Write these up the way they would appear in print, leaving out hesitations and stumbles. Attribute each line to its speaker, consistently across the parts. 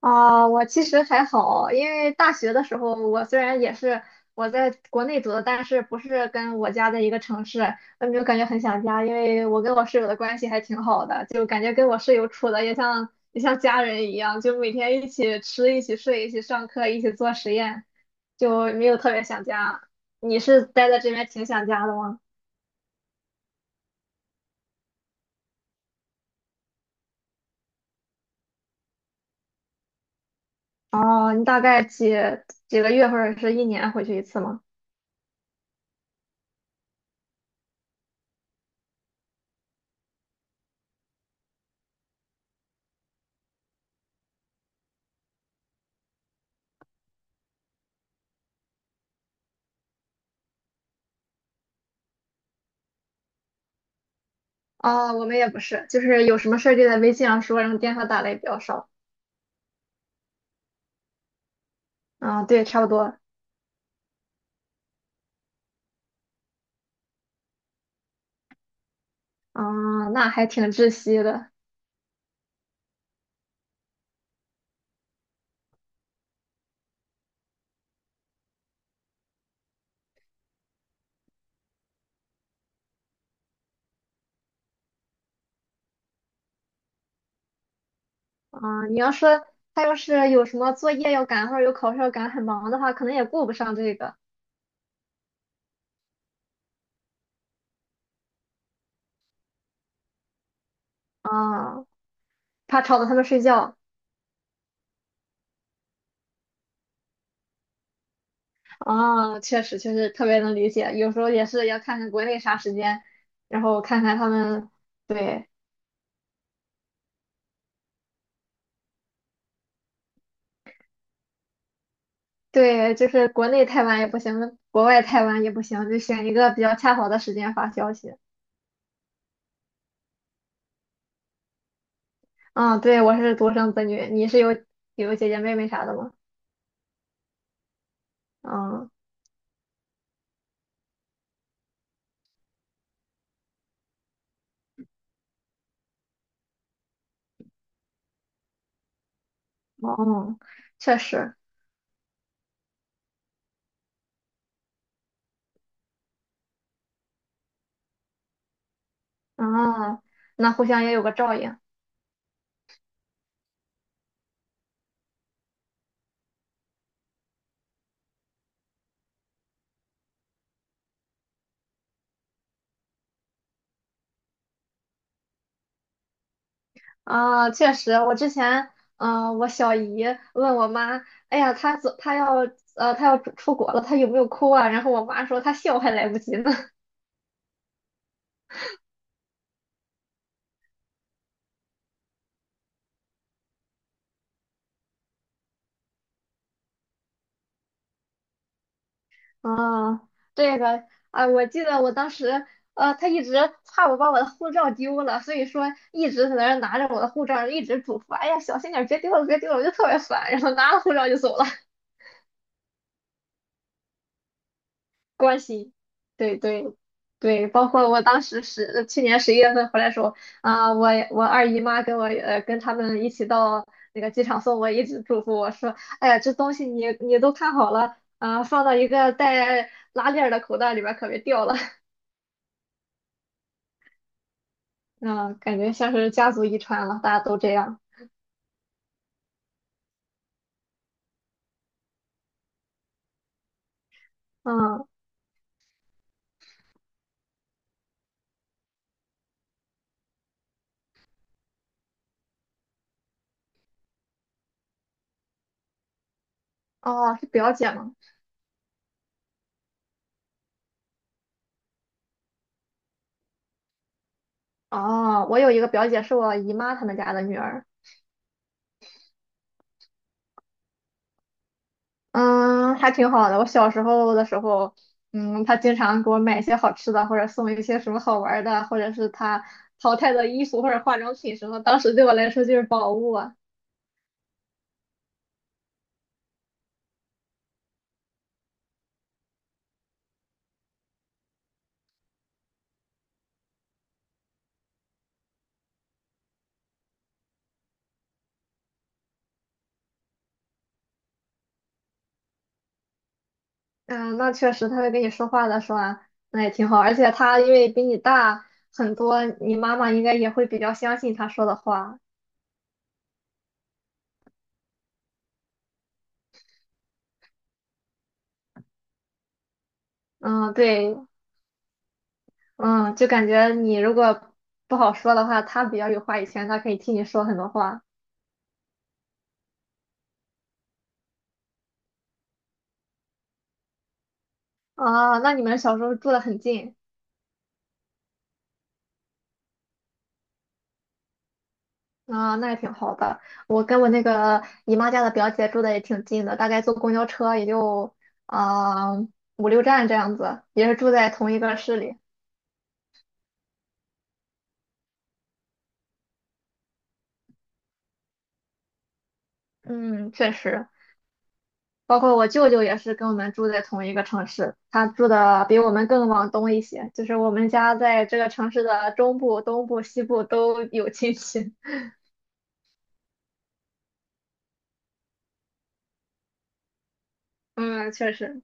Speaker 1: 啊，我其实还好，因为大学的时候，我虽然也是在国内读的，但是不是跟我家在一个城市，我就感觉很想家，因为我跟我室友的关系还挺好的，就感觉跟我室友处的也像家人一样，就每天一起吃、一起睡、一起上课、一起做实验，就没有特别想家。你是待在这边挺想家的吗？哦，你大概几个月或者是一年回去一次吗？哦，我们也不是，就是有什么事儿就在微信上说，然后电话打的也比较少。嗯，对，差不多。嗯，那还挺窒息的。嗯，你要说他要是有什么作业要赶或者有考试要赶，很忙的话，可能也顾不上这个。啊、怕吵到他们睡觉。啊、确实，确实特别能理解。有时候也是要看看国内啥时间，然后看看他们。对对，就是国内太晚也不行，国外太晚也不行，就选一个比较恰好的时间发消息。嗯，对，我是独生子女，你是有姐姐妹妹啥的吗？嗯，哦，确实，啊，那互相也有个照应啊，确实，我之前，我小姨问我妈，哎呀，她走，她要，她要出国了，她有没有哭啊？然后我妈说她笑还来不及呢。啊，这个啊，我记得我当时，他一直怕我把我的护照丢了，所以说一直在那儿拿着我的护照，一直嘱咐，哎呀，小心点儿，别丢了，别丢了，我就特别烦，然后拿了护照就走了，关心，对对对，包括我当时去年十一月份回来的时候，啊、我二姨妈跟我跟他们一起到那个机场送我，一直嘱咐我说，哎呀，这东西你都看好了啊、放到一个带拉链儿的口袋里边儿，可别掉了。嗯，感觉像是家族遗传了，大家都这样。嗯，哦，是表姐吗？哦，我有一个表姐是我姨妈他们家的女儿，嗯，还挺好的。我小时候的时候，嗯，她经常给我买一些好吃的，或者送一些什么好玩儿的，或者是她淘汰的衣服或者化妆品什么，当时对我来说就是宝物啊。嗯，那确实，她会跟你说话的时候啊，那也挺好。而且她因为比你大很多，你妈妈应该也会比较相信她说的话。嗯，对，嗯，就感觉你如果不好说的话，他比较有话语权，他可以替你说很多话啊。那你们小时候住得很近啊，那也挺好的。我跟我那个姨妈家的表姐住的也挺近的，大概坐公交车也就啊五六站这样子，也是住在同一个市里。嗯，确实，包括我舅舅也是跟我们住在同一个城市，他住的比我们更往东一些，就是我们家在这个城市的中部、东部、西部都有亲戚。嗯，确实。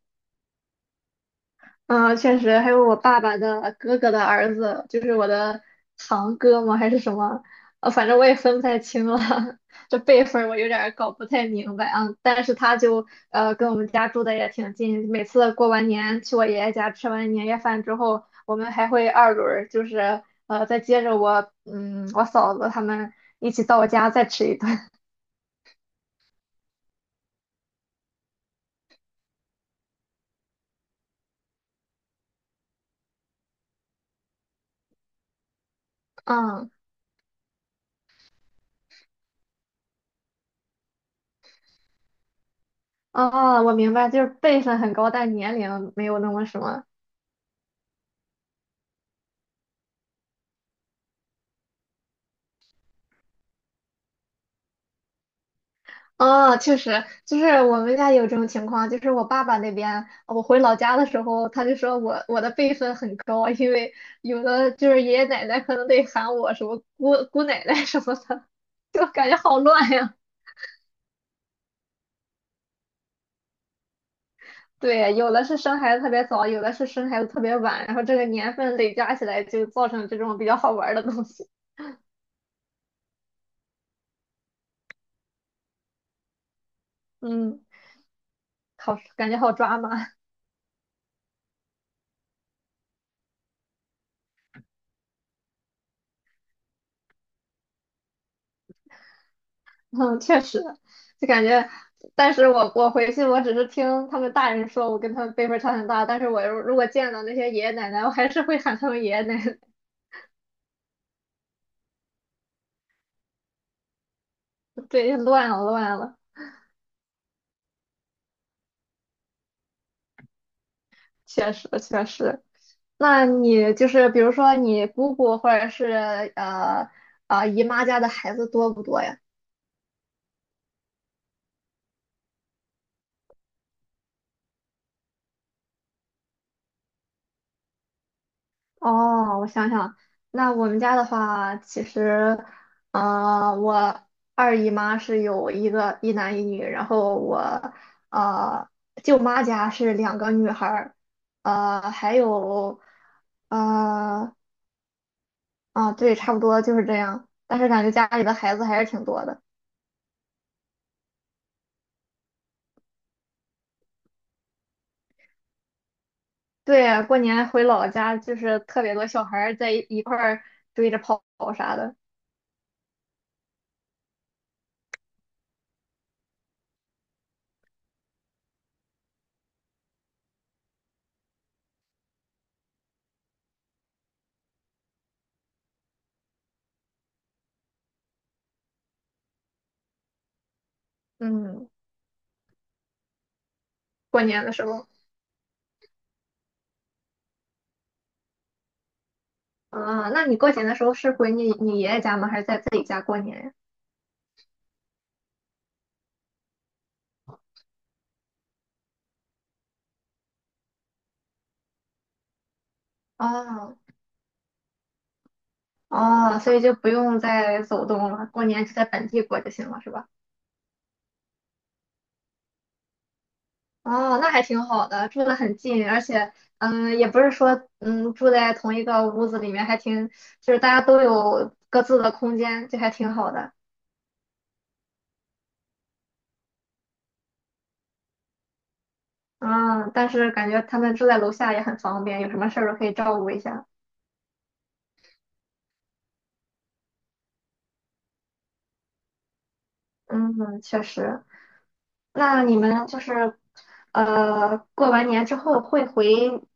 Speaker 1: 嗯，确实，还有我爸爸的哥哥的儿子，就是我的堂哥吗？还是什么？反正我也分不太清了，这辈分儿我有点儿搞不太明白啊。但是他就跟我们家住的也挺近，每次过完年去我爷爷家吃完年夜饭之后，我们还会二轮儿就是再接着我我嫂子他们一起到我家再吃一顿。嗯，哦，我明白，就是辈分很高，但年龄没有那么什么。哦，确实，就是我们家有这种情况，就是我爸爸那边，我回老家的时候，他就说我的辈分很高啊，因为有的就是爷爷奶奶可能得喊我什么姑姑奶奶 什么的，就感觉好乱呀。对，有的是生孩子特别早，有的是生孩子特别晚，然后这个年份累加起来就造成这种比较好玩儿的东西。嗯，好，感觉好抓马。嗯，确实，就感觉，但是我回去，我只是听他们大人说，我跟他们辈分差很大，但是我如果见到那些爷爷奶奶，我还是会喊他们爷爷奶奶。对，乱了乱了，确实确实。那你就是比如说你姑姑或者是呃姨妈家的孩子多不多呀？哦，我想想，那我们家的话，其实，我二姨妈是有一个一男一女，然后我呃舅妈家是两个女孩儿，还有，呃对，差不多就是这样。但是感觉家里的孩子还是挺多的。对，过年回老家就是特别多小孩儿在一块儿追着跑啥的。嗯，过年的时候。啊，那你过年的时候是回你爷爷家吗？还是在自己家过年呀？哦哦，所以就不用再走动了，过年就在本地过就行了，是吧？哦，那还挺好的，住得很近，而且嗯，也不是说嗯住在同一个屋子里面，还挺就是大家都有各自的空间，就还挺好的。嗯，但是感觉他们住在楼下也很方便，有什么事儿都可以照顾一下。嗯，确实。那你们就是，过完年之后会回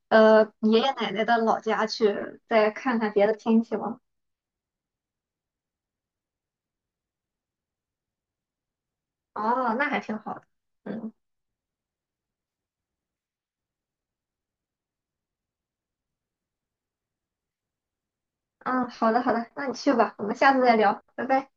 Speaker 1: 爷爷奶奶的老家去，再看看别的亲戚吗？哦，那还挺好的。嗯嗯，好的好的，那你去吧，我们下次再聊，拜拜。